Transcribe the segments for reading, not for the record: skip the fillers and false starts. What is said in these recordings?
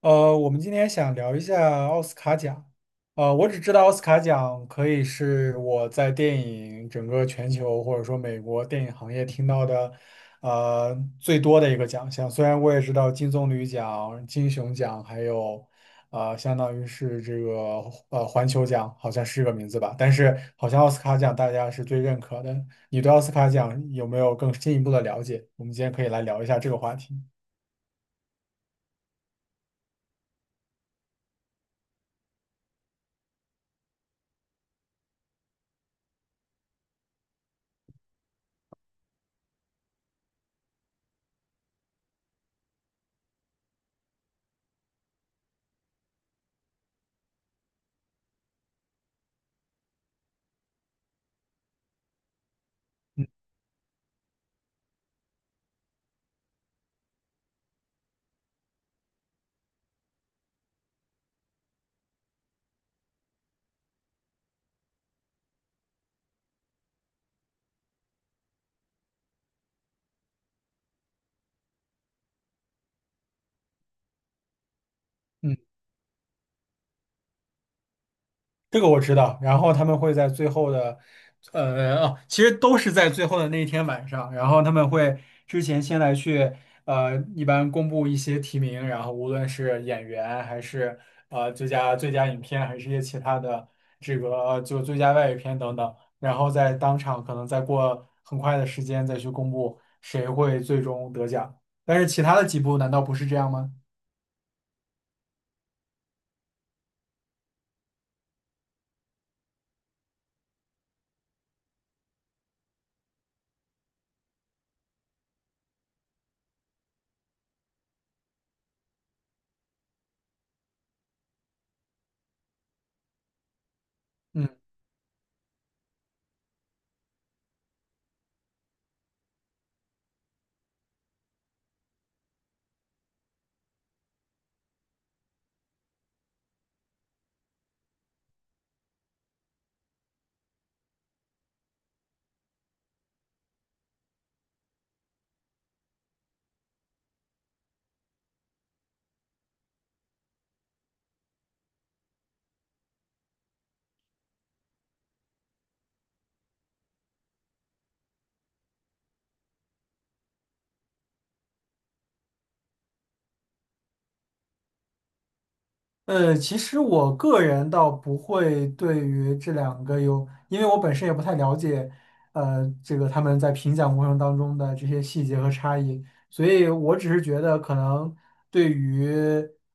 我们今天想聊一下奥斯卡奖。我只知道奥斯卡奖可以是我在电影整个全球或者说美国电影行业听到的，最多的一个奖项。虽然我也知道金棕榈奖、金熊奖，还有相当于是这个环球奖，好像是这个名字吧。但是好像奥斯卡奖大家是最认可的。你对奥斯卡奖有没有更进一步的了解？我们今天可以来聊一下这个话题。嗯嗯，这个我知道，然后他们会在最后的，其实都是在最后的那一天晚上，然后他们会之前先来去，一般公布一些提名，然后无论是演员还是最佳影片，还是一些其他的这个就最佳外语片等等，然后在当场可能再过很快的时间再去公布谁会最终得奖，但是其他的几部难道不是这样吗？嗯。其实我个人倒不会对于这两个有，因为我本身也不太了解，这个他们在评奖过程当中的这些细节和差异，所以我只是觉得可能对于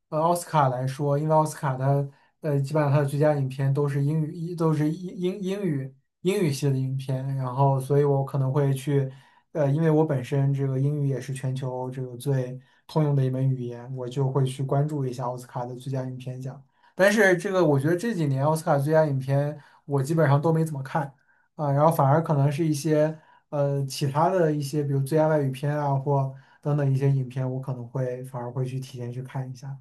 奥斯卡来说，因为奥斯卡的基本上它的最佳影片都是英语，都是英语系的影片，然后所以我可能会去。因为我本身这个英语也是全球这个最通用的一门语言，我就会去关注一下奥斯卡的最佳影片奖。但是这个我觉得这几年奥斯卡最佳影片我基本上都没怎么看啊，然后反而可能是一些其他的一些，比如最佳外语片啊或等等一些影片，我可能会反而会去提前去看一下。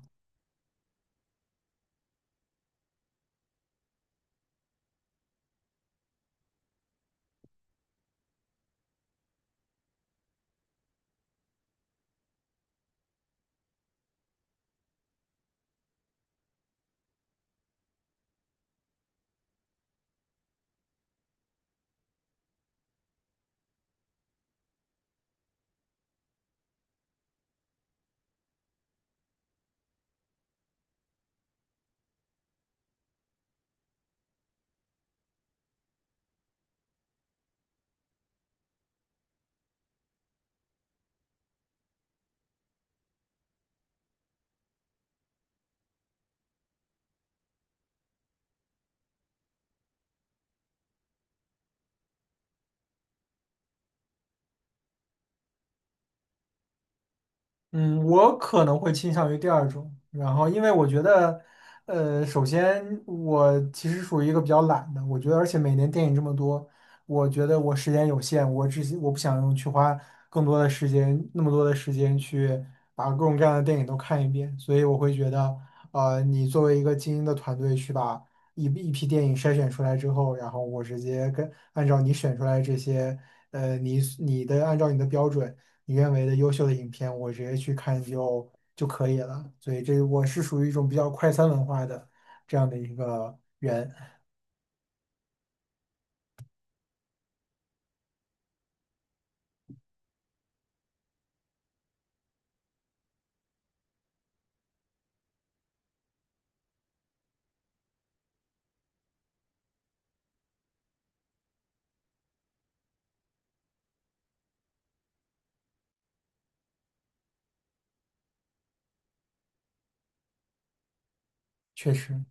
嗯，我可能会倾向于第二种，然后因为我觉得，首先我其实属于一个比较懒的，我觉得，而且每年电影这么多，我觉得我时间有限，我不想用去花更多的时间，那么多的时间去把各种各样的电影都看一遍，所以我会觉得，你作为一个精英的团队去把一批电影筛选出来之后，然后我直接跟按照你选出来这些，呃，你你的按照你的标准。你认为的优秀的影片，我直接去看就可以了。所以这我是属于一种比较快餐文化的这样的一个人，确实，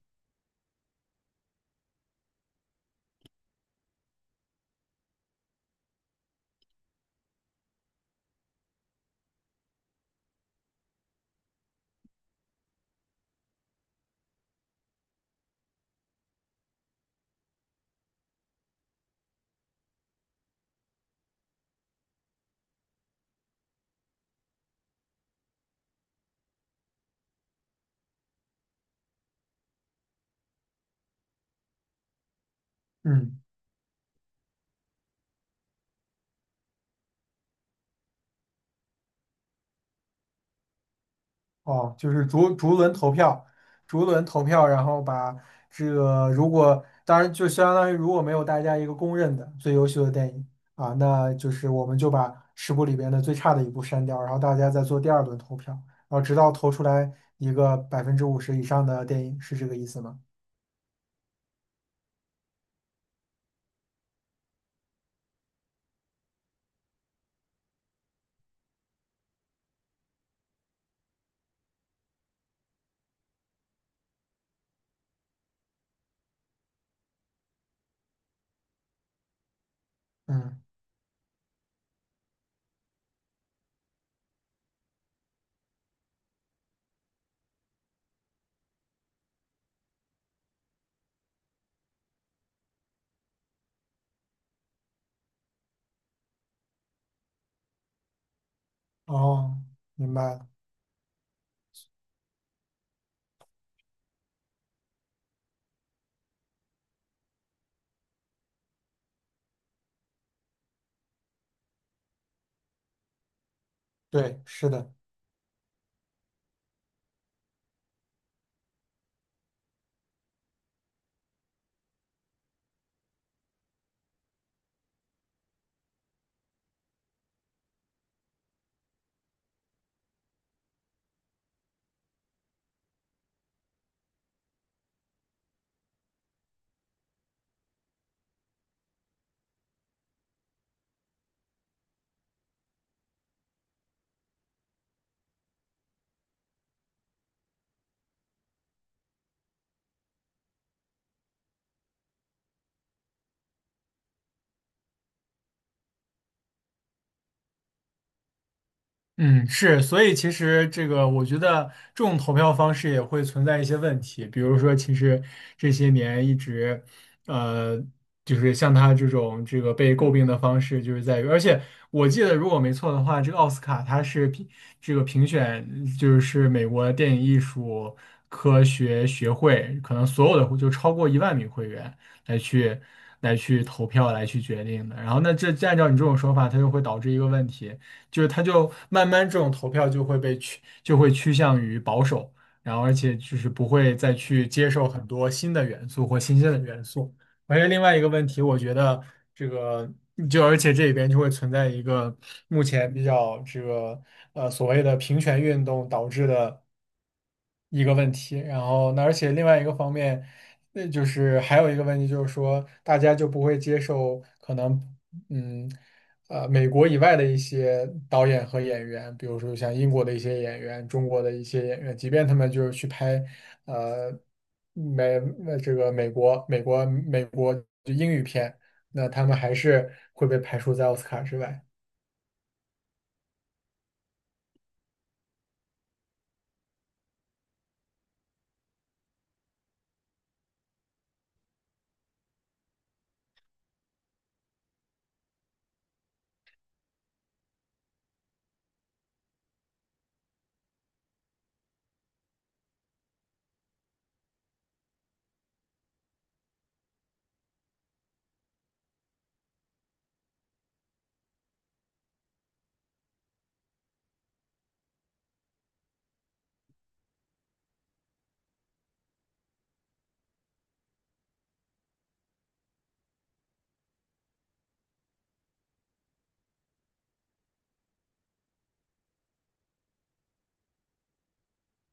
嗯，哦，就是逐轮投票，逐轮投票，然后把这个如果当然就相当于如果没有大家一个公认的最优秀的电影啊，那就是我们就把十部里边的最差的一部删掉，然后大家再做第二轮投票，然后直到投出来一个50%以上的电影，是这个意思吗？嗯。哦，明白了，对，是的，嗯，是，所以其实这个，我觉得这种投票方式也会存在一些问题，比如说，其实这些年一直，呃，就是像他这种这个被诟病的方式，就是在于，而且我记得如果没错的话，这个奥斯卡它是这个评选，就是美国电影艺术科学学会，可能所有的就超过10,000名会员来去来去投票来去决定的，然后那这按照你这种说法，它就会导致一个问题。就是他就慢慢这种投票就会就会趋向于保守，然后而且就是不会再去接受很多新的元素或新鲜的元素。而且另外一个问题，我觉得这个就而且这里边就会存在一个目前比较所谓的平权运动导致的。一个问题，然后那而且另外一个方面，那就是还有一个问题就是说，大家就不会接受可能，嗯，美国以外的一些导演和演员，比如说像英国的一些演员、中国的一些演员，即便他们就是去拍，呃，美呃这个美国美国美国就英语片，那他们还是会被排除在奥斯卡之外。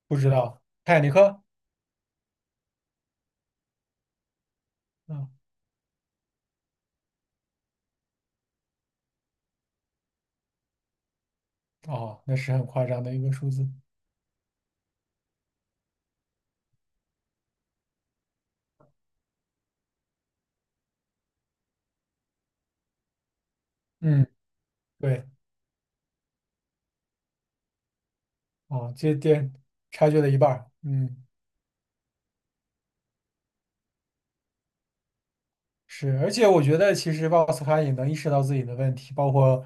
不知道《泰坦尼克》。嗯，哦，那是很夸张的一个数字。嗯，对。啊，这点差距了一半儿，嗯，是，而且我觉得其实奥斯卡也能意识到自己的问题，包括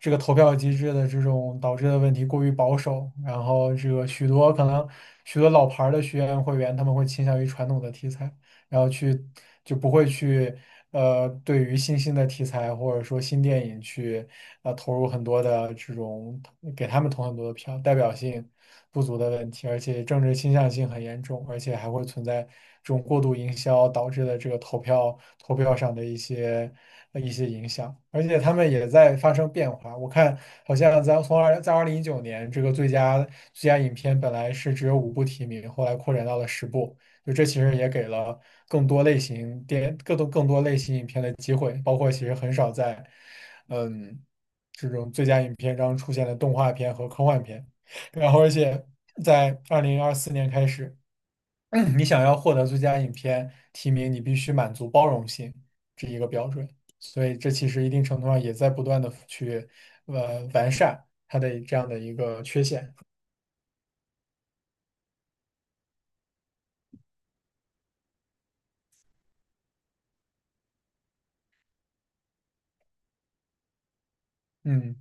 这个投票机制的这种导致的问题过于保守，然后这个许多老牌儿的学员会员他们会倾向于传统的题材，然后就不会去对于新兴的题材或者说新电影去投入很多的这种给他们投很多的票，代表性不足的问题，而且政治倾向性很严重，而且还会存在这种过度营销导致的这个投票上的一些影响，而且他们也在发生变化。我看好像在2019年这个最佳影片本来是只有五部提名，后来扩展到了十部。就这其实也给了更多类型影片的机会，包括其实很少在嗯这种最佳影片中出现的动画片和科幻片。然后，而且在2024年开始，你想要获得最佳影片提名，你必须满足包容性这一个标准。所以，这其实一定程度上也在不断的去完善它的这样的一个缺陷。嗯。